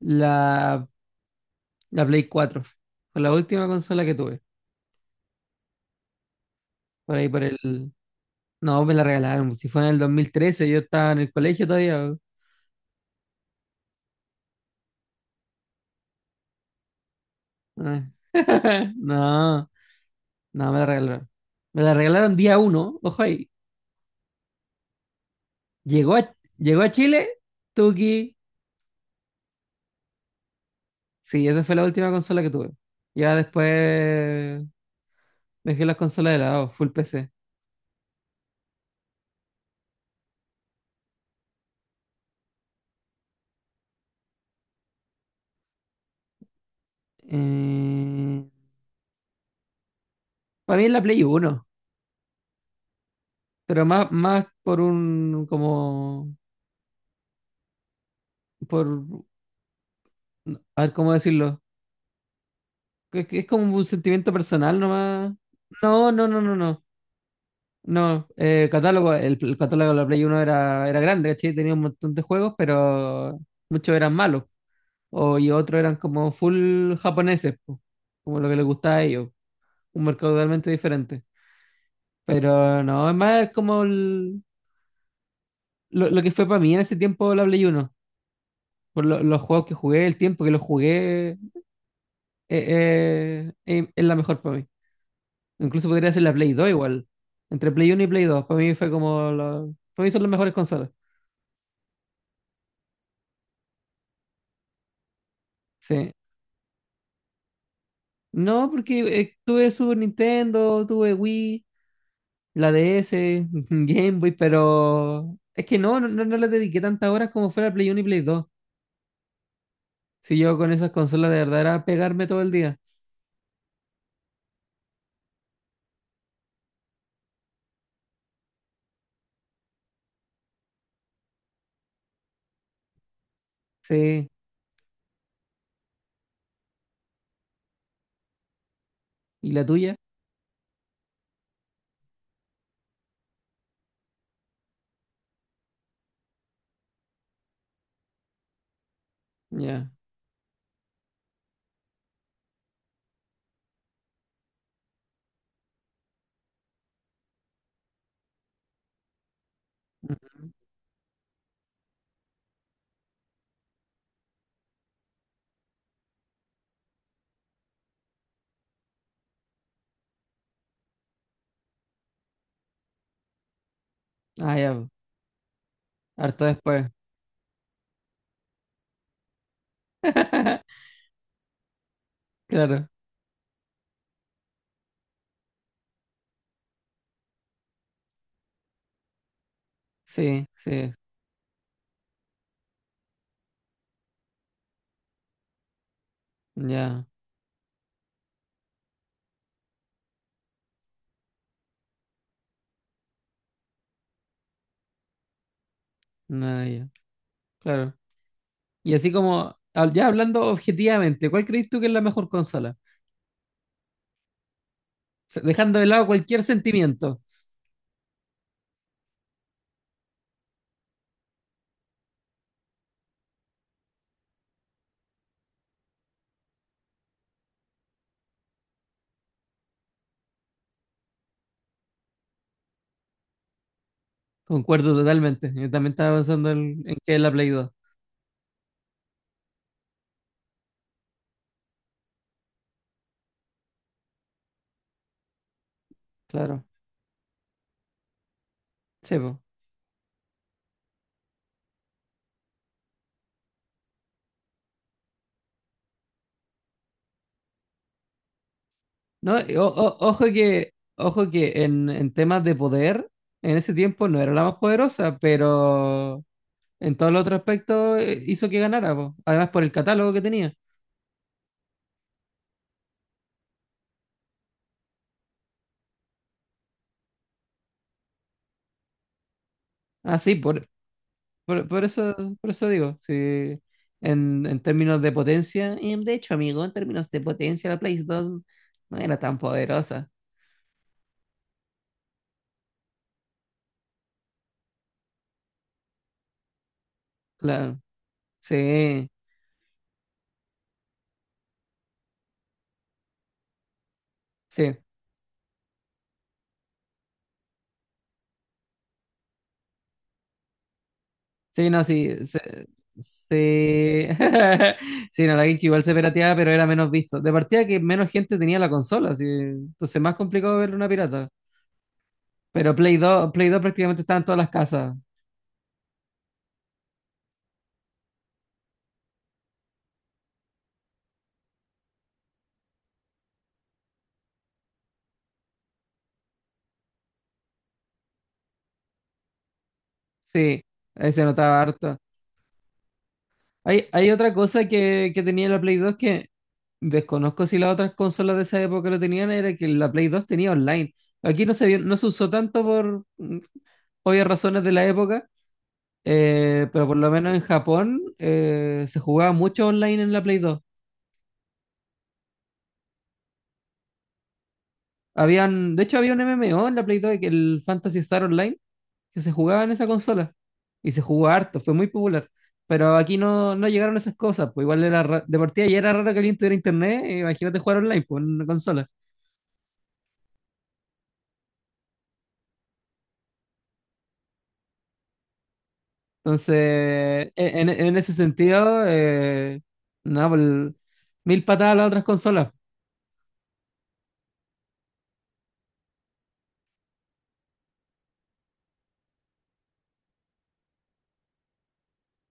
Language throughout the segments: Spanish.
La, la Play 4 fue la última consola que tuve. Por ahí, por el. No, me la regalaron. Si fue en el 2013, yo estaba en el colegio todavía. Ah. No, no, me la regalaron. Me la regalaron día uno. Ojo ahí. Llegó a Chile, Tuki. Sí, esa fue la última consola que tuve. Ya después dejé las consolas de lado, full PC. Eh, para mí es la Play 1, pero más como, por, a ver cómo decirlo. Es que es como un sentimiento personal nomás. No, no, no, no, no. No, catálogo, el catálogo de la Play 1 era grande, ¿cachai? Tenía un montón de juegos, pero muchos eran malos. Y otros eran como full japoneses, po, como lo que les gustaba a ellos. Un mercado totalmente diferente. Pero no, es más, es como lo que fue para mí en ese tiempo la Play 1. Por los juegos que jugué, el tiempo que los jugué, es la mejor para mí. Incluso podría ser la Play 2 igual. Entre Play 1 y Play 2, para mí fue como la- para mí son las mejores consolas. Sí. No, porque tuve Super Nintendo, tuve Wii, la DS, Game Boy, pero es que no le dediqué tantas horas como fuera Play 1 y Play 2. Si yo con esas consolas de verdad era pegarme todo el día. Sí. ¿Y la tuya? Ya. Mm. Ah, ya. Harto después. Claro. Sí, sí. Ya. Nada, ya. Claro. Y así como ya hablando objetivamente, ¿cuál crees tú que es la mejor consola? O sea, dejando de lado cualquier sentimiento. Concuerdo totalmente. Yo también estaba pensando en que es la Play 2. Claro. Sí, po. No, ojo que, en temas de poder, en ese tiempo no era la más poderosa, pero en todos los otros aspectos hizo que ganara, po. Además por el catálogo que tenía. Ah, sí, Por, por eso, por eso digo, sí, en términos de potencia, y de hecho, amigo, en términos de potencia, la Play 2 no era tan poderosa. Claro, sí, sí, sí, no, sí, sí, sí, sí, no, la GameCube igual se pirateaba, pero era menos visto. De partida que menos gente tenía la consola, así, entonces más complicado ver una pirata. Pero Play dos prácticamente estaba en todas las casas, sí, ahí se notaba harto. Hay otra cosa que tenía la Play 2, que desconozco si las otras consolas de esa época lo tenían, era que la Play 2 tenía online. Aquí no se usó tanto por obvias razones de la época, pero por lo menos en Japón, se jugaba mucho online en la Play 2. Habían, de hecho, había un MMO en la Play 2, que el Fantasy Star Online, que se jugaba en esa consola. Y se jugó harto, fue muy popular. Pero aquí no llegaron esas cosas, pues igual de partida ya era raro que alguien tuviera internet, imagínate jugar online, pues, en una consola. Entonces, en ese sentido, no, pues, mil patadas a las otras consolas.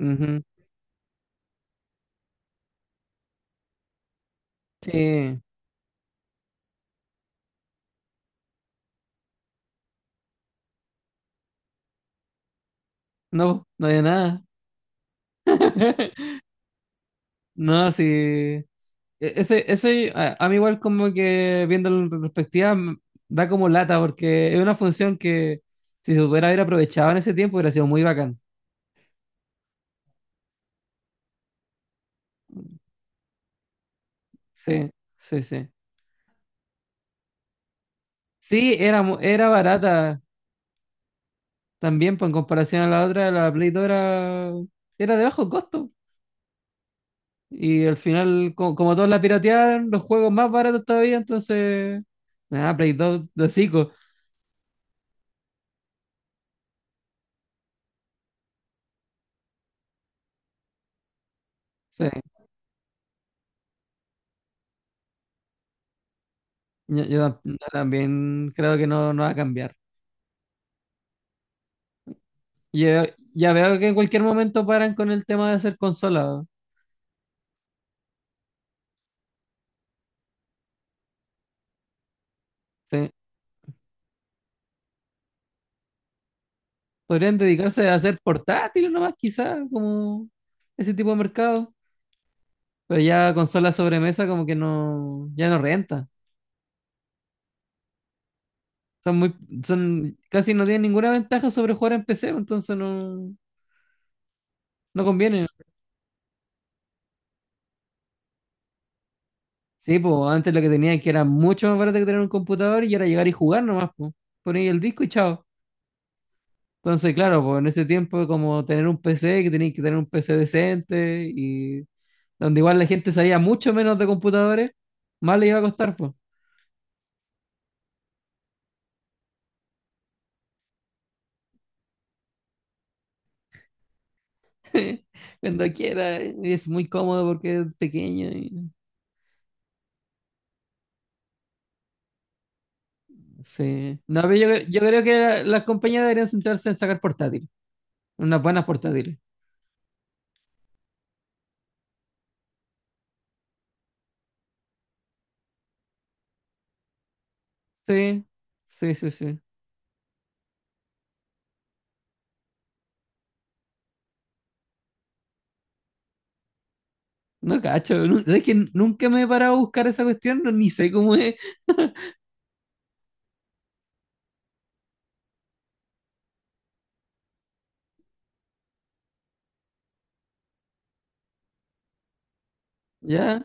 Ujú. Sí, no, no hay nada. No, sí. Ese, a mí, igual como que viéndolo en retrospectiva, da como lata, porque es una función que si se hubiera haber aprovechado en ese tiempo hubiera sido muy bacán. Sí, sí, sí. Sí, era barata también, pues en comparación a la otra, la Play 2 era de bajo costo. Y al final, como, todos la piratearon, los juegos más baratos todavía, entonces. Nada, Play 2 de hocico. Sí, yo también creo que no va a cambiar. Y yo, ya veo que en cualquier momento paran con el tema de hacer consolas. Sí. Podrían dedicarse a hacer portátiles nomás, quizás, como ese tipo de mercado. Pero ya consolas sobremesa, como que no, ya no renta. Son muy, son, casi no tienen ninguna ventaja sobre jugar en PC, entonces no conviene. Sí, pues antes lo que tenían, que era mucho más barato que tener un computador, y era llegar y jugar nomás, pues. Ponéis el disco y chao. Entonces, claro, pues en ese tiempo, como tener un PC, que tenías que tener un PC decente, y donde igual la gente sabía mucho menos de computadores, más le iba a costar, pues. Cuando quiera, y es muy cómodo porque es pequeño y sí. No, pero yo creo que las compañías deberían centrarse en sacar portátiles, unas buenas portátiles. Sí, sí, sí, sí. No cacho, ¿sabes que nunca me he parado a buscar esa cuestión? No, ni sé cómo es. ¿Ya?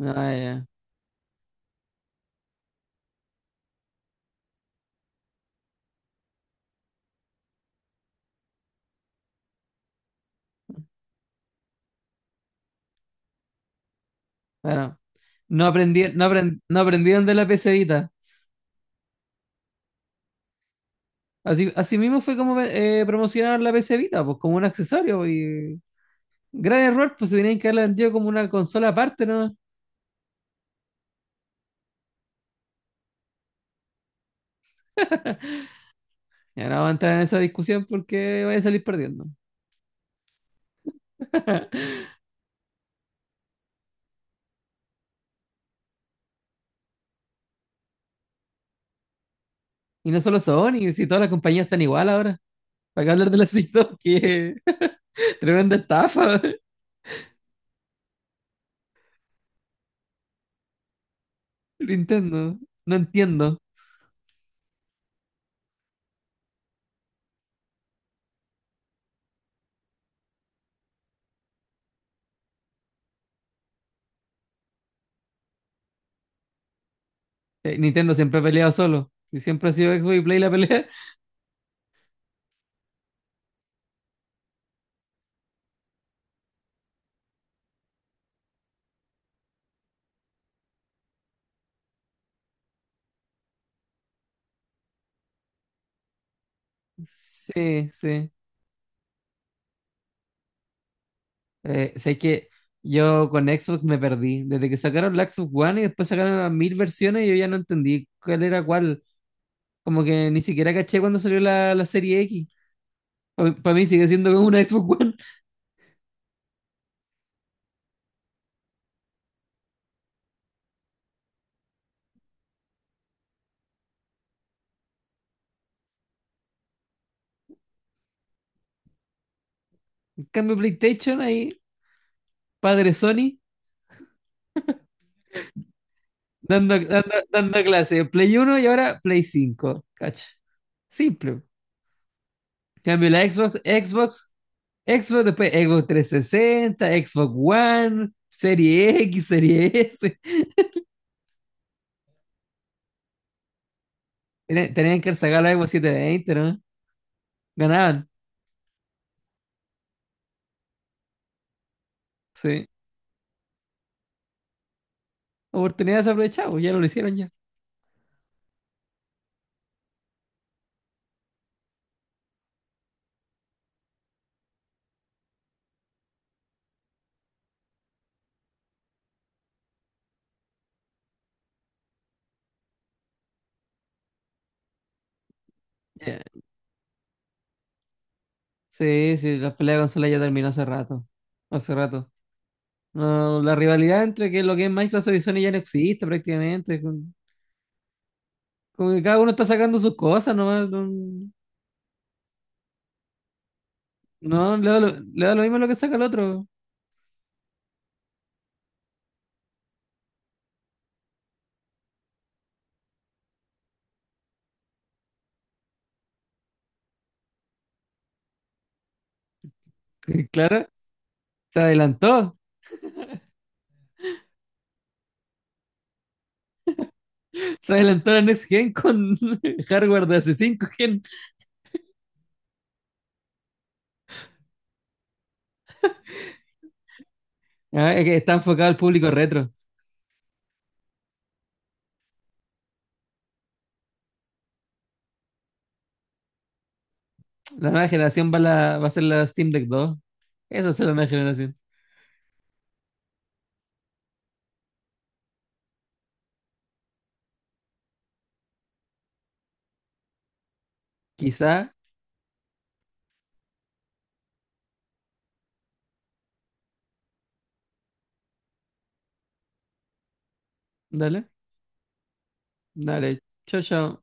Ah, ya. Bueno, no aprendieron de la PC Vita. Así mismo fue como promocionaron la PC Vita, pues, como un accesorio, pues, gran error, pues se tenían que haberla vendido como una consola aparte, ¿no? Y ahora vamos a entrar en esa discusión porque voy a salir perdiendo. Y no solo Sony, si todas las compañías están igual ahora. ¿Para qué hablar de la Switch 2? Que, tremenda estafa, Nintendo. No entiendo. Nintendo siempre ha peleado solo. Y siempre ha sido Xbox y Play la pelea. Sí, sí. Sé que yo con Xbox me perdí. Desde que sacaron la Xbox One y después sacaron las mil versiones, yo ya no entendí cuál era cuál. Como que ni siquiera caché cuando salió la Serie X. Para mí sigue siendo como una Xbox One. En cambio, PlayStation, ahí, padre Sony, dando, dando, dando clase. Play 1 y ahora Play 5. Cacho. Simple. En cambio, la Xbox, después Xbox 360, Xbox One, Serie X, Serie S. Tenían que sacar la Xbox 720, ¿no? Ganaban, sí. Oportunidades aprovechadas, ya no lo hicieron ya. Ya. Sí, sí, la pelea de consola ya terminó hace rato. Hace rato. No, la rivalidad entre que lo que es Microsoft y Sony ya no existe prácticamente. Como que cada uno está sacando sus cosas, nomás, no, no, le da lo mismo lo que saca el otro. Claro, se adelantó. Se adelantó la Next Gen con hardware de hace 5 gen. Ah, que está enfocado al público retro. La nueva generación va a ser la Steam Deck 2. Eso será la nueva generación. Quizá. Dale. Dale. Chao, chao.